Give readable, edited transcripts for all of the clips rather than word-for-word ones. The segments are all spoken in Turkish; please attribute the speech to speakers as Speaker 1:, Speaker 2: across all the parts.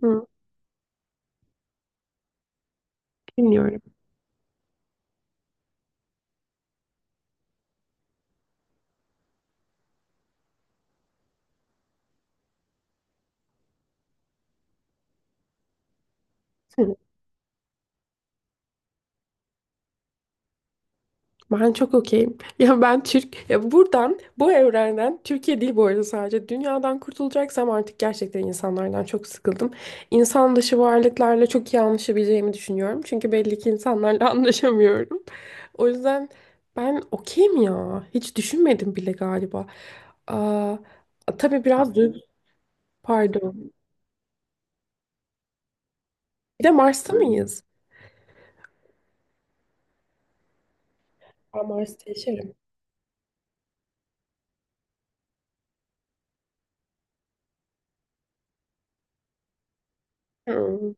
Speaker 1: Hı. Bilmiyorum. Hı. Ben çok okeyim. Ya ben Türk, ya buradan, bu evrenden, Türkiye değil bu arada sadece, dünyadan kurtulacaksam artık gerçekten insanlardan çok sıkıldım. İnsan dışı varlıklarla çok iyi anlaşabileceğimi düşünüyorum. Çünkü belli ki insanlarla anlaşamıyorum. O yüzden ben okeyim ya. Hiç düşünmedim bile galiba. Aa, tabii biraz duygu, pardon. Bir de Mars'ta mıyız? Aa, Mars'ta yaşarım. Hı.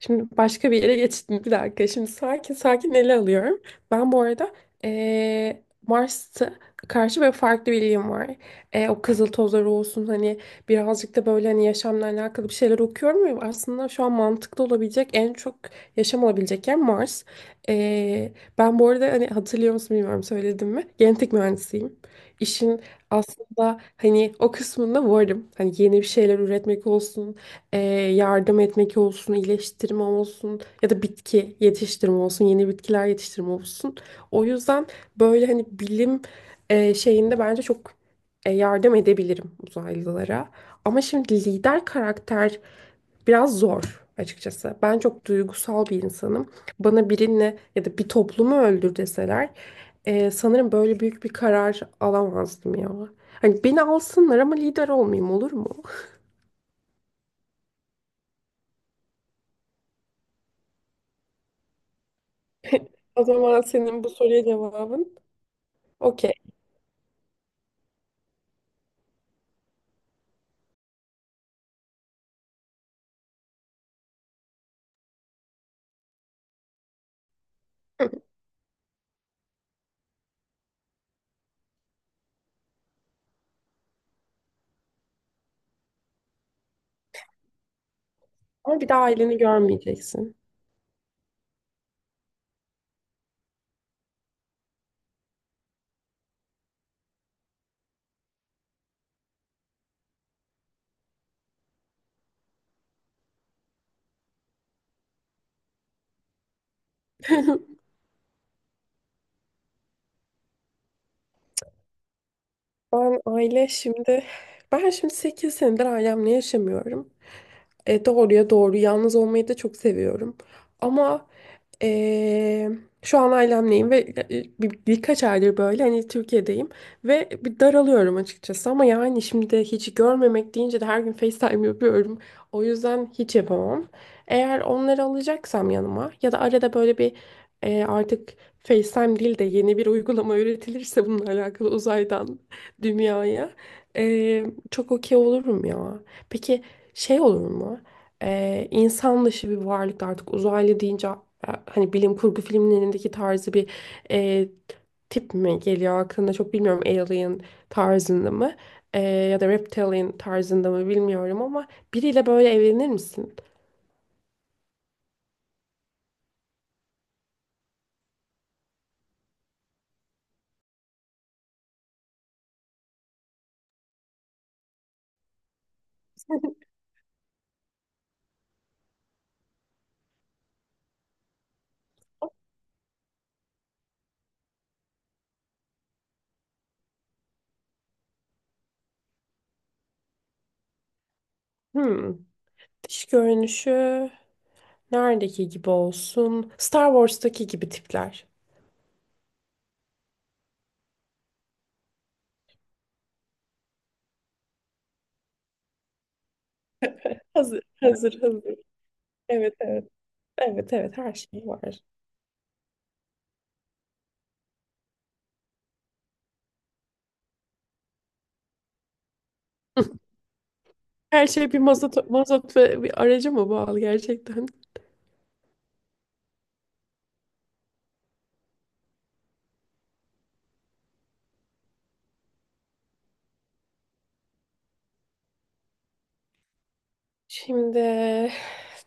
Speaker 1: Şimdi başka bir yere geçtim. Bir dakika. Şimdi sakin sakin ele alıyorum. Ben bu arada Mars'a karşı böyle farklı bir ilgim var. O kızıl tozları olsun, hani birazcık da böyle hani yaşamla alakalı bir şeyler okuyorum ve aslında şu an mantıklı olabilecek, en çok yaşam olabilecek yer Mars. Eee, Ben bu arada, hani, hatırlıyor musun bilmiyorum, söyledim mi? Genetik mühendisiyim. İşin aslında hani o kısmında varım. Hani yeni bir şeyler üretmek olsun, e, yardım etmek olsun, iyileştirme olsun ya da bitki yetiştirme olsun, yeni bitkiler yetiştirme olsun. O yüzden böyle hani bilim şeyinde bence çok yardım edebilirim uzaylılara. Ama şimdi lider karakter biraz zor açıkçası. Ben çok duygusal bir insanım. Bana birini ya da bir toplumu öldür deseler, sanırım böyle büyük bir karar alamazdım ya. Hani beni alsınlar ama lider olmayayım, olur mu? O zaman senin bu soruya cevabın okey. Ama bir daha aileni görmeyeceksin. Ben aile şimdi ben şimdi 8 senedir ailemle yaşamıyorum. Doğruya doğru, yalnız olmayı da çok seviyorum. Ama e, şu an ailemleyim ve birkaç aydır böyle hani Türkiye'deyim ve bir daralıyorum açıkçası, ama yani şimdi hiç görmemek deyince de her gün FaceTime yapıyorum. O yüzden hiç yapamam. Eğer onları alacaksam yanıma, ya da arada böyle bir, artık FaceTime değil de yeni bir uygulama üretilirse bununla alakalı, uzaydan dünyaya. Ee, Çok okey olurum ya. Peki şey olur mu? İnsan dışı bir varlık, artık uzaylı deyince, hani bilim kurgu filmlerindeki tarzı bir e, tip mi geliyor aklına, çok bilmiyorum, alien tarzında mı, ya da reptilian tarzında mı bilmiyorum, ama biriyle böyle evlenir misin? Hmm. Dış görünüşü neredeki gibi olsun? Star Wars'taki gibi tipler. Hazır, hazır, hazır. Evet, evet. Evet, evet, her şey var. Her şey bir mazot, mazot ve bir araca mı bağlı gerçekten? Şimdi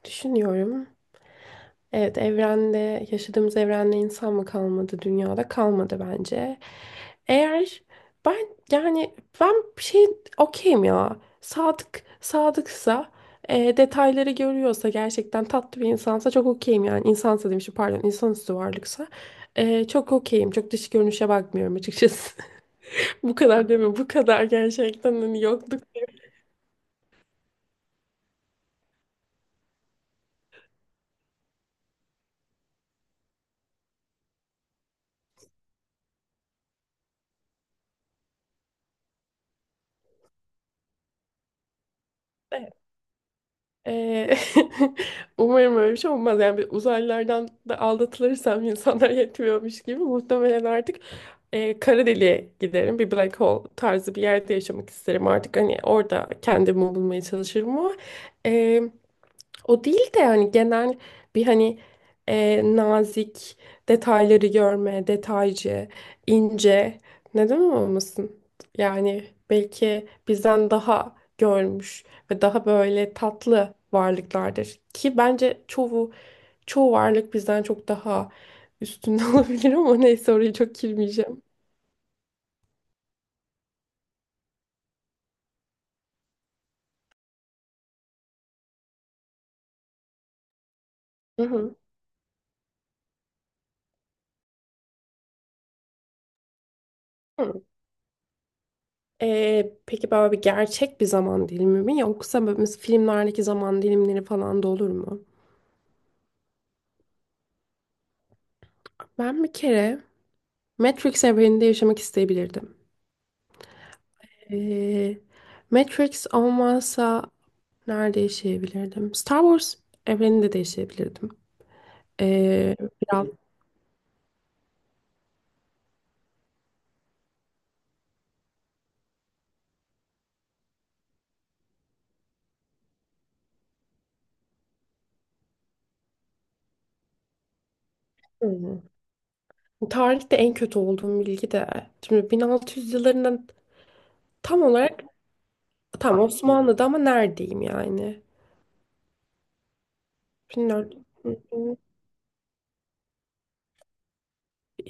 Speaker 1: düşünüyorum. Evet, evrende, yaşadığımız evrende insan mı kalmadı dünyada? Kalmadı bence. Eğer ben, yani ben bir şey, okeyim ya. Sadıksa, detayları görüyorsa, gerçekten tatlı bir insansa, çok okeyim yani. İnsansa demişim, pardon, insanüstü varlıksa, çok okeyim. Çok dış görünüşe bakmıyorum açıkçası. Bu kadar deme, bu kadar gerçekten hani yokluk. Ee, umarım öyle bir şey olmaz. Yani bir uzaylılardan da aldatılırsam, insanlar yetmiyormuş gibi, muhtemelen artık kara deliğe giderim. Bir black hole tarzı bir yerde yaşamak isterim artık. Hani orada kendimi bulmaya çalışırım ama e, o değil de hani genel bir hani nazik, detayları görme, detaycı, ince, neden olmasın? Yani belki bizden daha görmüş ve daha böyle tatlı varlıklardır. Ki bence çoğu varlık bizden çok daha üstünde olabilir, ama neyse, orayı çok girmeyeceğim. Hı hı. Hı. Peki böyle bir gerçek bir zaman dilimi mi, yoksa böyle mesela filmlerdeki zaman dilimleri falan da olur mu? Ben bir kere Matrix evreninde yaşamak isteyebilirdim. Ee, Matrix olmazsa nerede yaşayabilirdim? Star Wars evreninde de yaşayabilirdim. Ee, biraz Hmm. Tarihte en kötü olduğum bilgi de, şimdi 1600 yıllarından tam olarak, tam Osmanlı'da ama neredeyim yani? 1400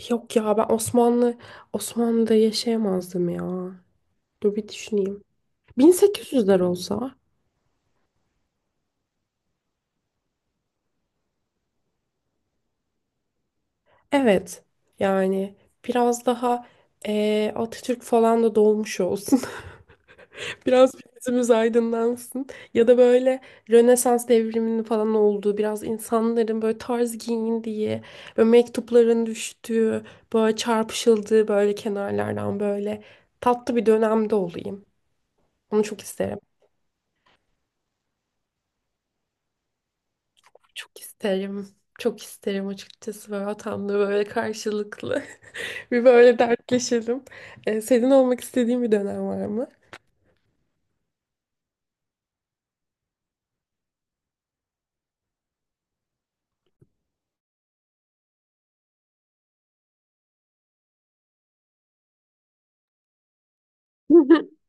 Speaker 1: Yok ya, ben Osmanlı'da yaşayamazdım ya. Dur bir düşüneyim. 1800'ler olsa, evet yani, biraz daha Atatürk falan da dolmuş olsun. Biraz gözümüz aydınlansın. Ya da böyle Rönesans devriminin falan olduğu, biraz insanların böyle tarz giyindiği, böyle mektupların düştüğü, böyle çarpışıldığı, böyle kenarlardan, böyle tatlı bir dönemde olayım. Onu çok isterim. Çok isterim. Çok isterim açıkçası, böyle atamla böyle karşılıklı. Bir böyle dertleşelim. Senin olmak istediğin bir dönem var mı?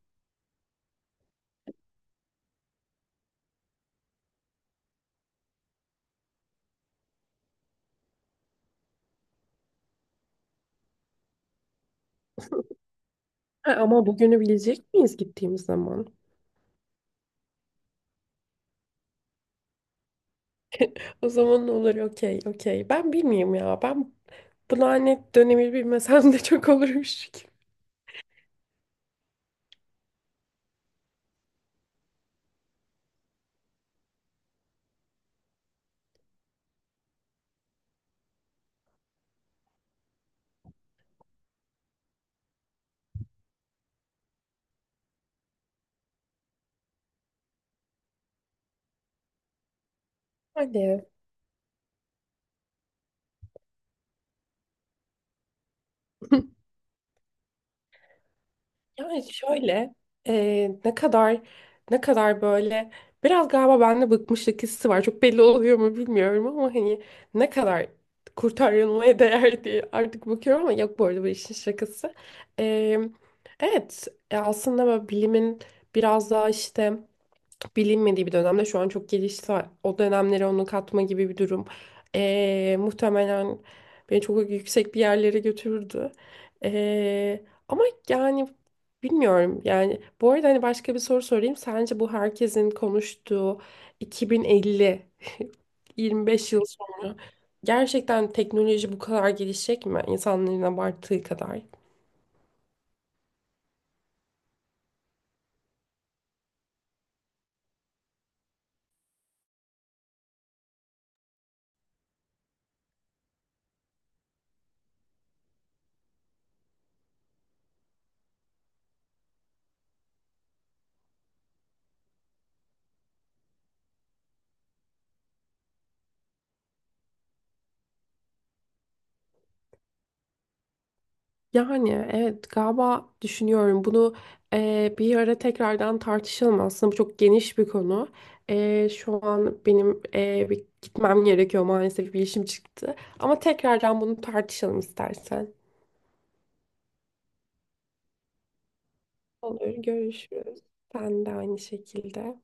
Speaker 1: Ha, ama bugünü bilecek miyiz gittiğimiz zaman? O zaman ne olur, okey okey. Ben bilmiyorum ya. Ben bu lanet dönemi bilmesem de çok olurmuş. Hadi. Yani şöyle, ne kadar böyle, biraz galiba bende bıkmışlık hissi var. Çok belli oluyor mu bilmiyorum, ama hani, ne kadar kurtarılmaya değer diye artık bakıyorum, ama yok bu arada, bu işin şakası. E, evet, aslında böyle bilimin biraz daha işte bilinmediği bir dönemde, şu an çok gelişti. O dönemlere onu katma gibi bir durum. Muhtemelen beni çok yüksek bir yerlere götürürdü. Ee, Ama yani bilmiyorum. Yani bu arada hani, başka bir soru sorayım. Sence bu herkesin konuştuğu 2050, 25 yıl sonra, gerçekten teknoloji bu kadar gelişecek mi? İnsanların abarttığı kadar. Yani evet, galiba düşünüyorum bunu, bir ara tekrardan tartışalım, aslında bu çok geniş bir konu. Şu an benim bir gitmem gerekiyor maalesef, bir işim çıktı, ama tekrardan bunu tartışalım istersen. Olur, görüşürüz. Ben de aynı şekilde.